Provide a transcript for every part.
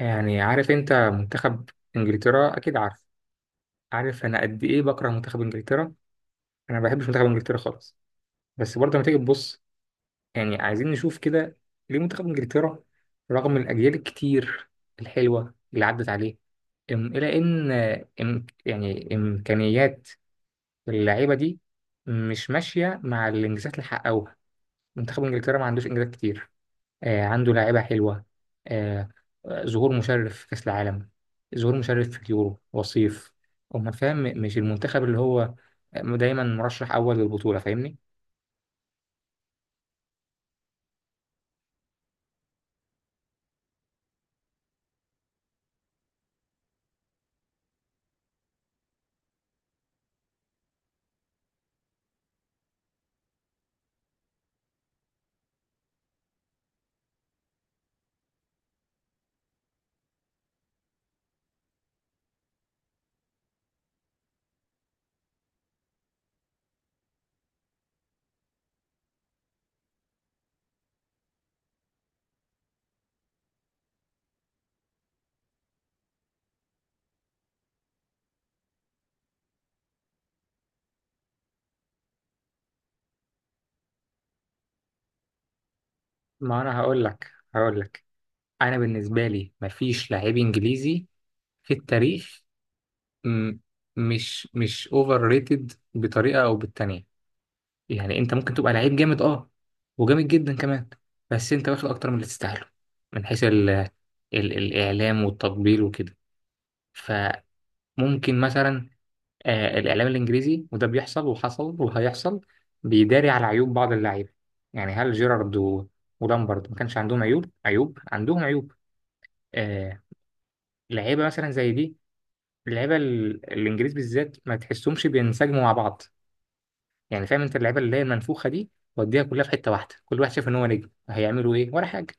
يعني عارف انت منتخب انجلترا، اكيد عارف. عارف انا قد ايه بكره منتخب انجلترا؟ انا ما بحبش منتخب انجلترا خالص. بس برضه لما تيجي تبص يعني عايزين نشوف كده، ليه منتخب انجلترا رغم الاجيال الكتير الحلوه اللي عدت عليه الى ان يعني امكانيات اللعيبه دي مش ماشيه مع الانجازات اللي حققوها. منتخب انجلترا ما عندوش انجازات كتير. آه، عنده لاعيبة حلوة. آه، آه، ظهور مشرف في كأس العالم. ظهور مشرف في اليورو، وصيف. أمال فاهم مش المنتخب اللي هو آه، دايما مرشح أول للبطولة، فاهمني؟ ما أنا هقول لك. أنا بالنسبة لي مفيش لاعب إنجليزي في التاريخ م- مش أوفر ريتد بطريقة أو بالتانية. يعني أنت ممكن تبقى لعيب جامد، أه، وجامد جدا كمان، بس أنت واخد أكتر من اللي تستاهله، من حيث ال الإعلام والتطبيل وكده. ممكن مثلا آه الإعلام الإنجليزي، وده بيحصل وحصل وهيحصل، بيداري على عيوب بعض اللعيبة. يعني هل جيرارد ولامبرد ما كانش عندهم عيوب؟ عيوب، عندهم عيوب. آه، لعيبة مثلا زي دي، اللعيبة الإنجليز بالذات ما تحسهمش بينسجموا مع بعض. يعني فاهم أنت اللعيبة اللي هي المنفوخة دي، وديها كلها في حتة واحدة، كل واحد شايف إن هو نجم، هيعملوا إيه ولا حاجة.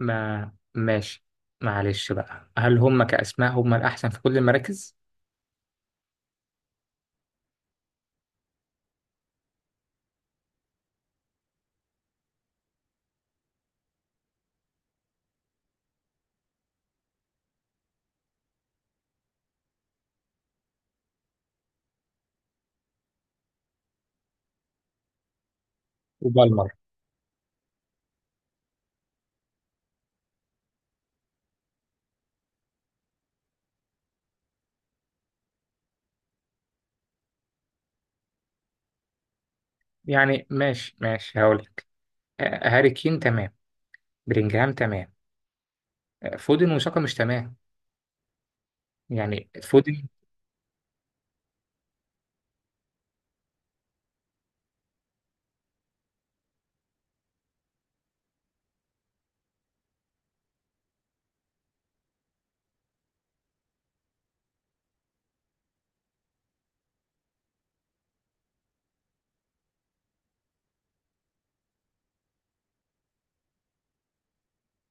ما ماشي، معلش بقى، هل هم كأسماء هم الأحسن في كل المراكز؟ وبالمر. يعني ماشي ماشي، هقول آه، هاري كين تمام، بلينجهام تمام، آه، فودن وشاكا مش تمام. يعني فودن.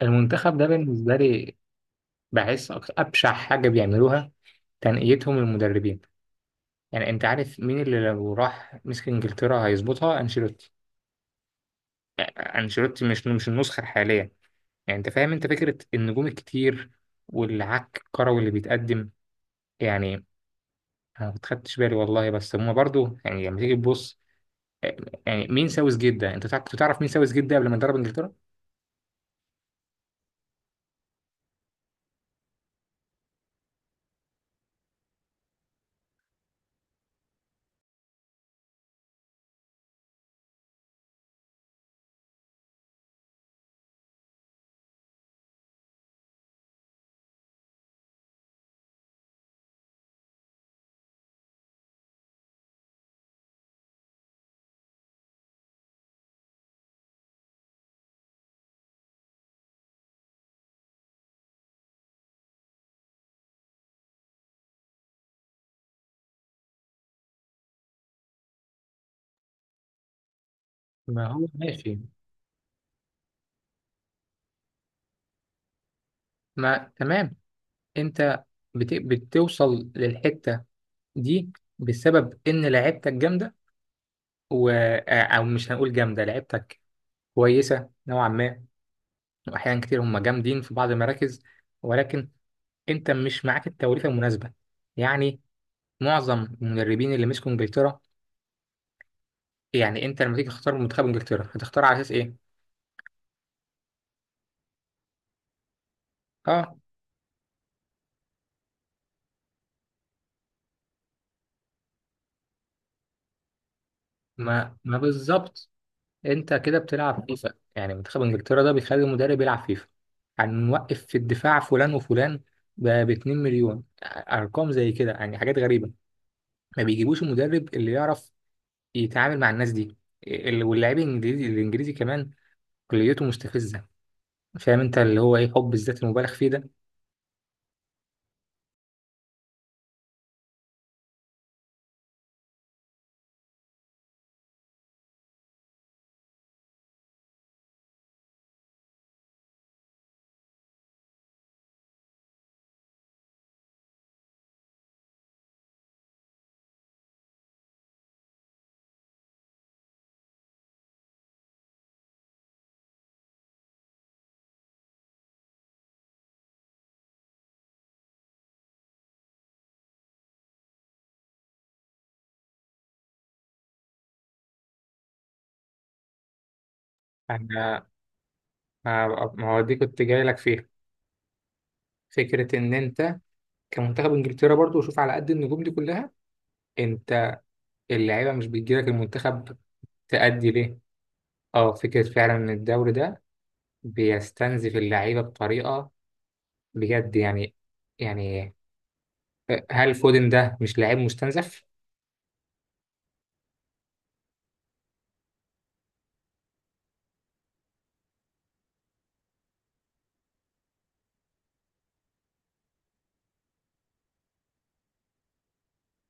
المنتخب ده بالنسبة لي بحس أبشع حاجة بيعملوها تنقيتهم المدربين. يعني أنت عارف مين اللي لو راح مسك إنجلترا هيظبطها؟ أنشيلوتي. آه، أنشيلوتي، مش النسخة الحالية. يعني أنت فاهم أنت فكرة النجوم الكتير والعك الكروي اللي بيتقدم؟ يعني أنا ما خدتش بالي والله، بس هما برضو يعني لما تيجي تبص آه، يعني مين ساوث جدا؟ أنت كنت تعرف مين ساوث جدا قبل ما يدرب إنجلترا؟ ما هو ماشي. ما تمام، انت بتوصل للحتة دي بسبب ان لعيبتك جامدة آه، او مش هنقول جامدة، لعيبتك كويسة نوعا ما، واحيانا كتير هم جامدين في بعض المراكز، ولكن انت مش معاك التوليفة المناسبة. يعني معظم المدربين اللي مسكوا انجلترا، يعني انت لما تيجي تختار منتخب انجلترا هتختار على اساس ايه؟ اه. ما بالظبط، انت كده بتلعب فيفا. يعني منتخب انجلترا ده بيخلي المدرب يلعب فيفا. هنوقف في الدفاع فلان وفلان ب 2 مليون، ارقام زي كده يعني حاجات غريبه. ما بيجيبوش المدرب اللي يعرف يتعامل مع الناس دي. واللاعب الانجليزي كمان كليته مستفزه. فاهم انت اللي هو ايه حب الذات المبالغ فيه ده؟ انا ما ما هو دي كنت جاي لك فيها، فكره ان انت كمنتخب انجلترا برضو وشوف على قد النجوم دي كلها، انت اللعيبه مش بتجيلك المنتخب تأدي ليه؟ اه، فكرة فعلا ان الدوري ده بيستنزف اللعيبة بطريقة بجد يعني. يعني هل فودن ده مش لعيب مستنزف؟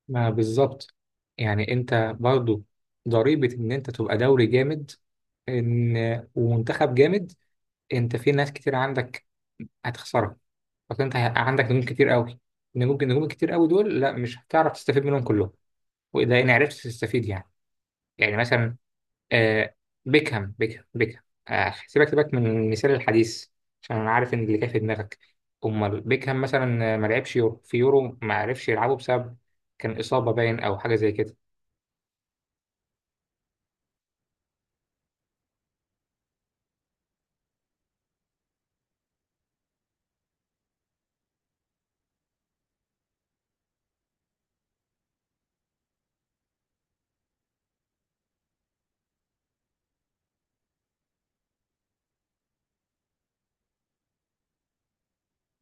ما بالظبط. يعني انت برضو ضريبة ان انت تبقى دوري جامد ان ومنتخب جامد، انت في ناس كتير عندك هتخسرها. بس انت عندك نجوم كتير قوي، نجوم نجوم كتير قوي دول، لا مش هتعرف تستفيد منهم كلهم. وده ان عرفت تستفيد يعني. يعني مثلا آه، بيكهام بيكهام بيكهام، آه، سيبك سيبك من المثال الحديث، عشان انا عارف ان اللي كان في دماغك. امال بيكهام مثلا آه، ما لعبش يورو، في يورو ما عرفش يلعبه بسبب كان اصابه باين او حاجه زي كده.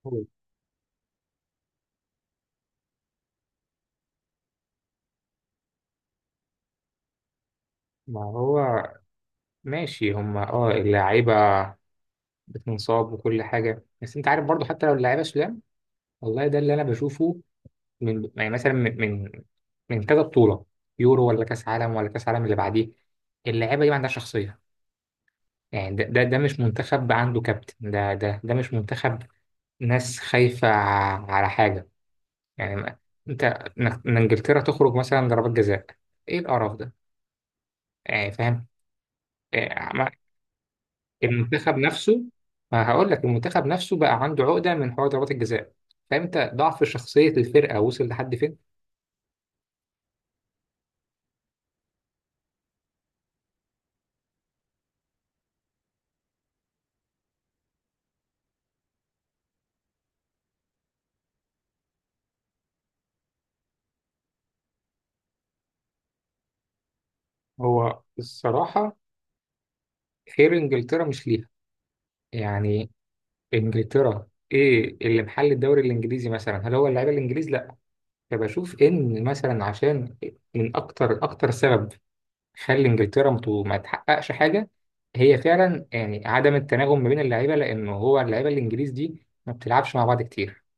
هو- ما هو ماشي، هم اه اللعيبه بتنصاب وكل حاجه، بس انت عارف برضو حتى لو اللعيبه سلام. والله ده اللي انا بشوفه من يعني مثلا، من من كذا بطوله، يورو ولا كاس عالم ولا كاس عالم اللي بعديه، اللعيبه دي ما عندها شخصيه. يعني ده مش منتخب عنده كابتن. ده مش منتخب، ناس خايفة على حاجة. يعني انت، ان انجلترا تخرج مثلا ضربات جزاء، ايه القرف ده؟ يعني فاهم؟ يعني المنتخب نفسه. ما هقول لك، المنتخب نفسه بقى عنده عقدة من حوار ضربات الجزاء. فاهم انت ضعف شخصية الفرقة وصل لحد فين؟ هو الصراحة خير انجلترا مش ليها. يعني انجلترا ايه اللي محل الدوري الانجليزي مثلا؟ هل هو اللعيبة الانجليز؟ لا. فبشوف إن مثلا عشان من أكتر أكتر سبب خلي إنجلترا ما تحققش حاجة، هي فعلا يعني عدم التناغم ما بين اللعيبة، لأن هو اللعيبة الإنجليز دي ما بتلعبش مع بعض كتير.